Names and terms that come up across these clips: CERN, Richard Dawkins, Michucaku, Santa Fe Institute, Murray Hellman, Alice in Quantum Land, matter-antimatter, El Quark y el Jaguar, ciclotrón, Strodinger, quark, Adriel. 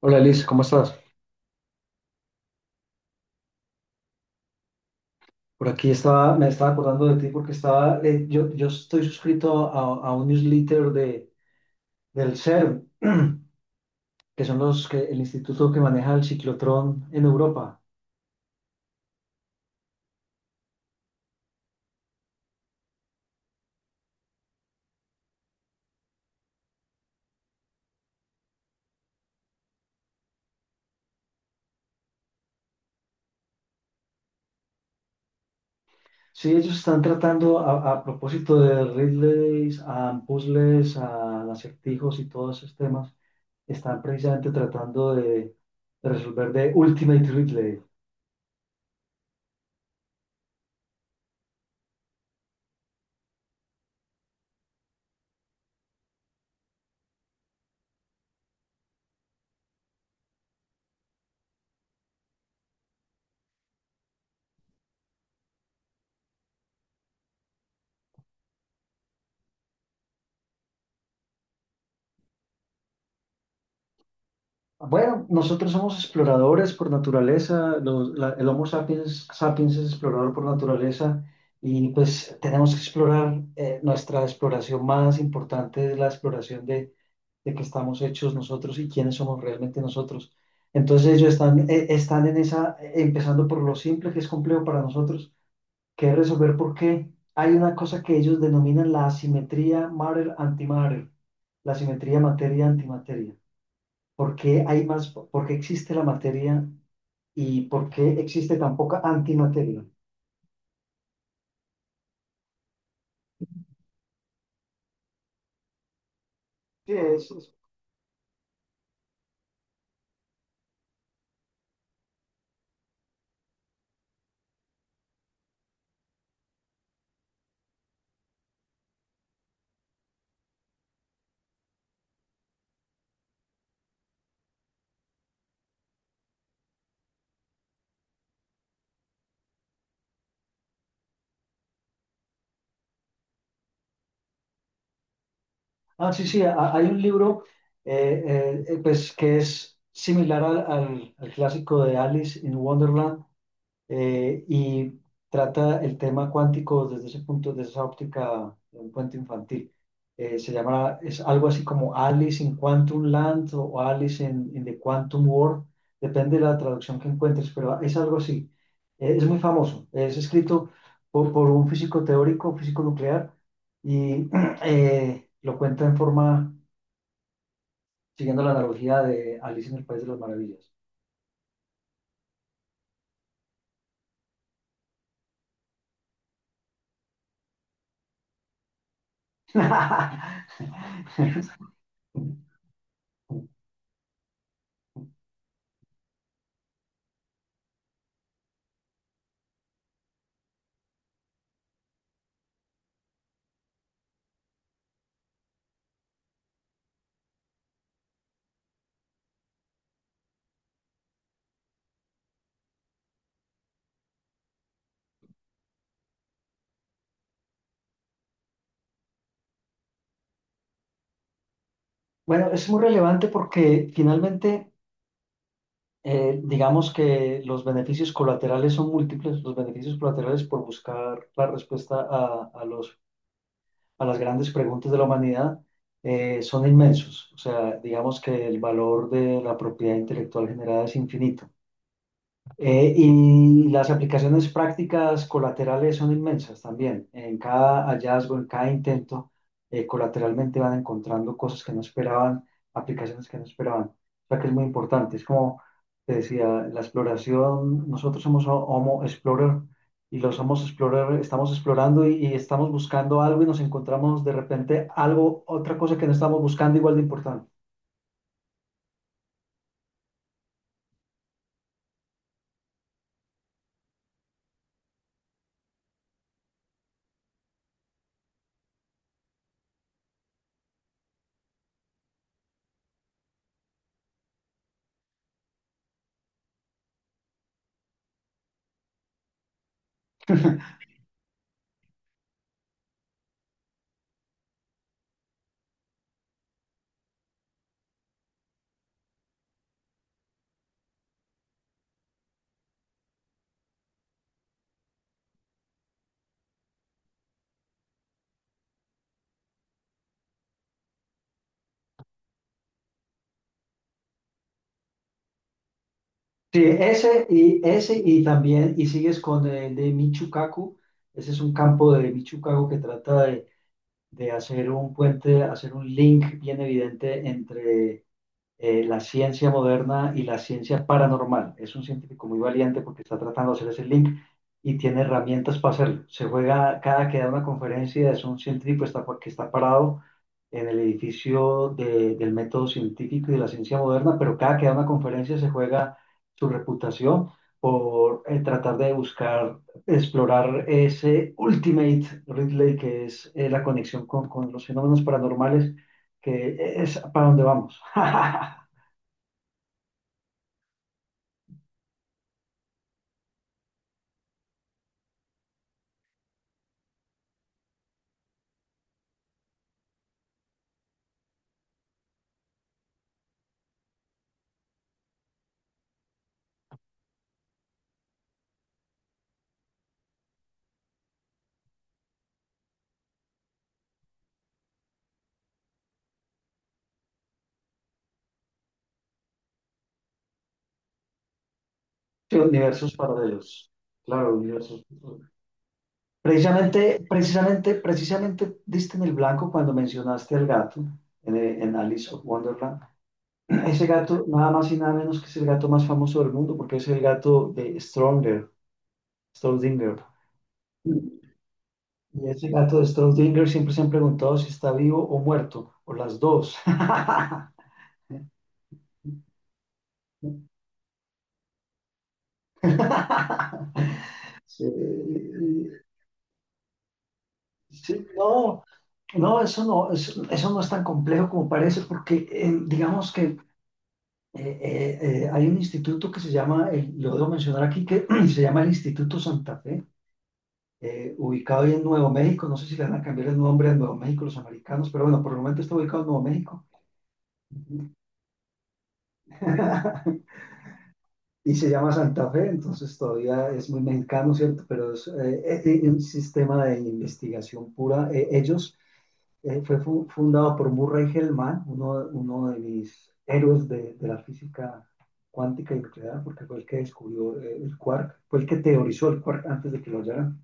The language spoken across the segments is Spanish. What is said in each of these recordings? Hola Liz, ¿cómo estás? Por aquí estaba, me estaba acordando de ti porque estaba, yo estoy suscrito a un newsletter de, del CERN, que son los que, el instituto que maneja el ciclotrón en Europa. Sí, ellos están tratando a propósito de relays, a puzzles, a acertijos y todos esos temas, están precisamente tratando de resolver de Ultimate Relay. Bueno, nosotros somos exploradores por naturaleza, el Homo sapiens, sapiens es explorador por naturaleza y pues tenemos que explorar, nuestra exploración más importante es la exploración de qué estamos hechos nosotros y quiénes somos realmente nosotros. Entonces ellos están, están en esa, empezando por lo simple que es complejo para nosotros, que es resolver por qué hay una cosa que ellos denominan la asimetría matter-antimatter, la asimetría materia-antimateria. ¿Por qué hay más, por qué existe la materia y por qué existe tan poca antimateria? Sí, Ah, sí, sí, hay un libro pues, que es similar al clásico de Alice in Wonderland, y trata el tema cuántico desde ese punto, desde esa óptica de un cuento infantil. Se llama, es algo así como Alice in Quantum Land o Alice in the Quantum World, depende de la traducción que encuentres, pero es algo así. Es muy famoso, es escrito por un físico teórico, físico nuclear, y lo cuenta en forma, siguiendo la analogía de Alice en el País de las Maravillas. Bueno, es muy relevante porque finalmente digamos que los beneficios colaterales son múltiples, los beneficios colaterales por buscar la respuesta a los a las grandes preguntas de la humanidad son inmensos. O sea, digamos que el valor de la propiedad intelectual generada es infinito. Y las aplicaciones prácticas colaterales son inmensas también. En cada hallazgo, en cada intento, colateralmente van encontrando cosas que no esperaban, aplicaciones que no esperaban. O sea que es muy importante. Es como te decía, la exploración, nosotros somos Homo Explorer y los Homo Explorer estamos explorando y estamos buscando algo y nos encontramos de repente algo, otra cosa que no estamos buscando igual de importante. Sí, ese ese y también, y sigues con el de Michucaku, ese es un campo de Michucaku que trata de hacer un puente, hacer un link bien evidente entre la ciencia moderna y la ciencia paranormal. Es un científico muy valiente porque está tratando de hacer ese link y tiene herramientas para hacerlo. Se juega cada que da una conferencia, es un científico que está parado en el edificio del método científico y de la ciencia moderna, pero cada que da una conferencia se juega su reputación por tratar de buscar, explorar ese ultimate Ridley que es la conexión con los fenómenos paranormales, que es para donde vamos. Sí, universos paralelos. Claro, universos. Precisamente, precisamente, precisamente diste en el blanco cuando mencionaste al gato en Alice of Wonderland. Ese gato, nada más y nada menos que es el gato más famoso del mundo, porque es el gato de Stronger, Strodinger. Y ese gato de Strodinger siempre se han preguntado si está vivo o muerto, o las dos. Sí, sí, no, no, eso no, eso no es tan complejo como parece, porque digamos que hay un instituto que se llama, lo debo mencionar aquí, que se llama el Instituto Santa Fe. Ubicado ahí en Nuevo México. No sé si le van a cambiar el nombre a Nuevo México los americanos, pero bueno, por el momento está ubicado en Nuevo México. Y se llama Santa Fe, entonces todavía es muy mexicano, ¿cierto? Pero es un sistema de investigación pura. Ellos fue fu fundado por Murray Hellman, uno de mis héroes de la física cuántica y nuclear, porque fue el que descubrió el quark, fue el que teorizó el quark antes de que lo hallaran.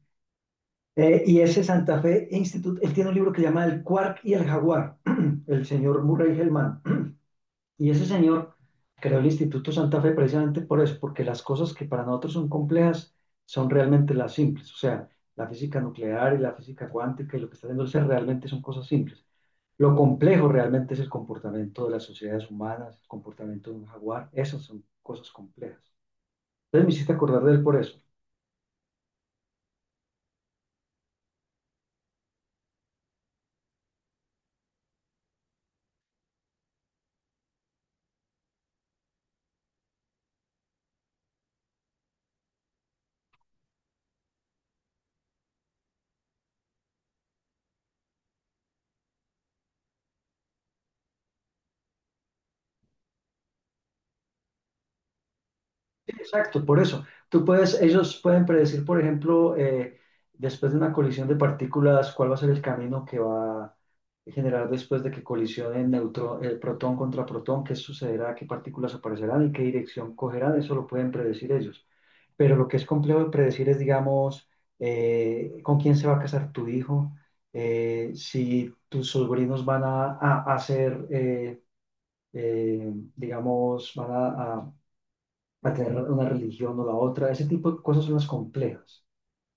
Y ese Santa Fe Institute, él tiene un libro que se llama El Quark y el Jaguar, el señor Murray Hellman. Y ese señor creó el Instituto Santa Fe precisamente por eso, porque las cosas que para nosotros son complejas son realmente las simples. O sea, la física nuclear y la física cuántica y lo que está haciendo el ser realmente son cosas simples. Lo complejo realmente es el comportamiento de las sociedades humanas, el comportamiento de un jaguar. Esas son cosas complejas. Entonces me hiciste acordar de él por eso. Exacto, por eso. Tú puedes, ellos pueden predecir, por ejemplo, después de una colisión de partículas, cuál va a ser el camino que va a generar después de que colisionen protón contra protón, qué sucederá, qué partículas aparecerán y qué dirección cogerán, eso lo pueden predecir ellos. Pero lo que es complejo de predecir es, digamos, con quién se va a casar tu hijo, si tus sobrinos van a ser, digamos, a a tener una religión o la otra. Ese tipo de cosas son las complejas.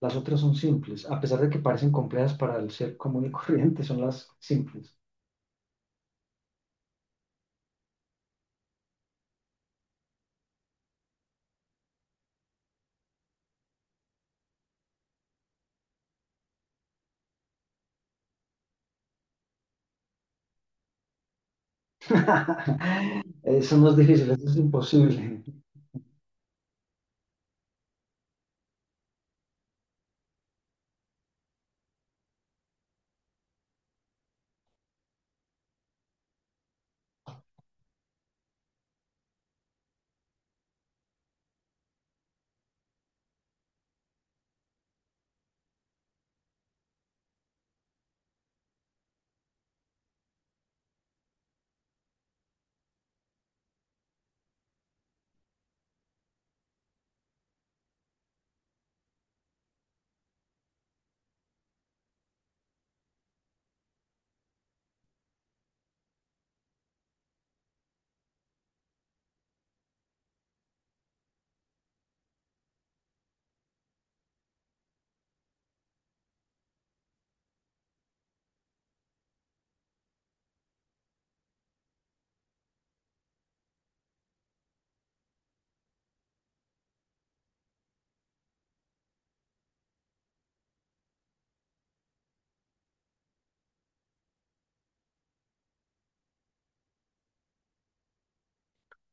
Las otras son simples. A pesar de que parecen complejas para el ser común y corriente, son las simples. Son las difíciles, eso es imposible.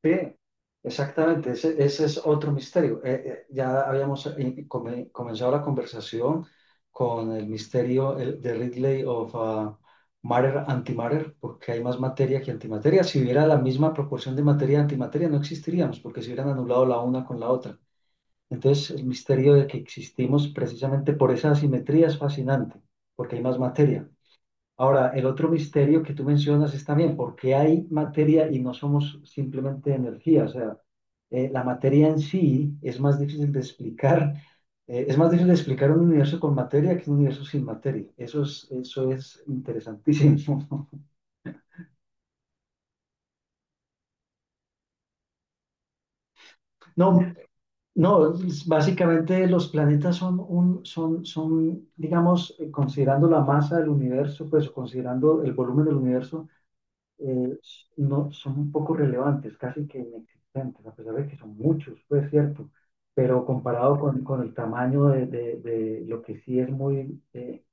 Sí, exactamente, ese es otro misterio. Ya habíamos comenzado la conversación con el misterio de Ridley of Matter Antimatter, porque hay más materia que antimateria. Si hubiera la misma proporción de materia y antimateria, no existiríamos, porque se hubieran anulado la una con la otra. Entonces, el misterio de que existimos precisamente por esa asimetría es fascinante, porque hay más materia. Ahora, el otro misterio que tú mencionas es también por qué hay materia y no somos simplemente energía. O sea, la materia en sí es más difícil de explicar. Es más difícil de explicar un universo con materia que un universo sin materia. Eso es interesantísimo. No, no, es- básicamente los planetas son, digamos, considerando la masa del universo, pues o considerando el volumen del universo. eh, no, son un poco relevantes, casi que inexistentes, a pesar de que son muchos, pues cierto, pero comparado con el tamaño de, de lo que sí es muy, eh,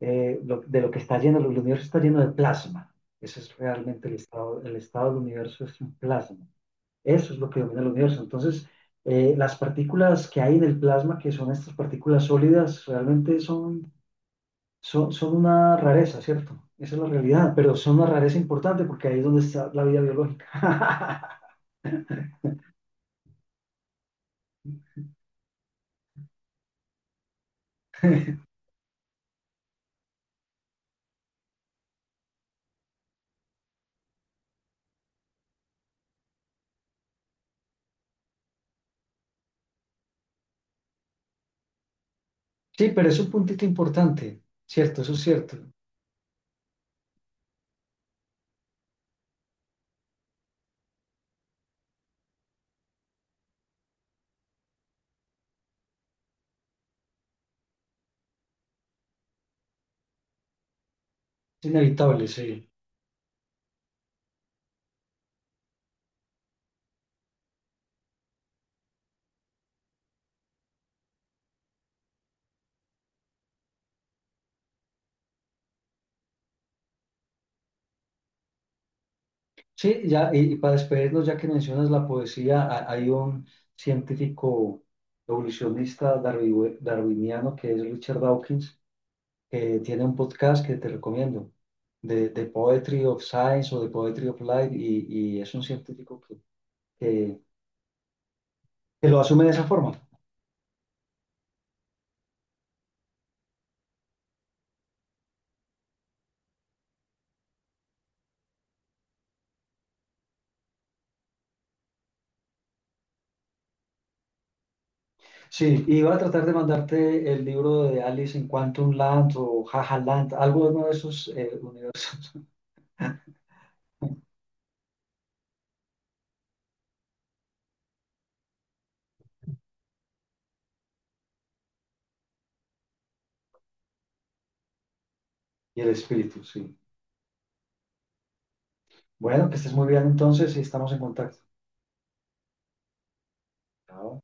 eh, de lo que está lleno, el universo está lleno de plasma. Ese es realmente el estado del universo es un plasma. Eso es lo que domina el universo. Entonces, las partículas que hay en el plasma, que son estas partículas sólidas, realmente son una rareza, ¿cierto? Esa es la realidad, pero son una rareza importante porque ahí es donde está la vida biológica. Sí, pero es un puntito importante, ¿cierto? Eso es cierto. Es inevitable, sí. Sí, ya, y para despedirnos, ya que mencionas la poesía, hay un científico evolucionista darwiniano que es Richard Dawkins, que tiene un podcast que te recomiendo, de Poetry of Science o de Poetry of Life, y es un científico que, que que lo asume de esa forma. Sí, iba a tratar de mandarte el libro de Alice en Quantum Land o Jaja Land, algo de uno de esos universos y el espíritu, sí. Bueno, que estés muy bien entonces y estamos en contacto. Chao.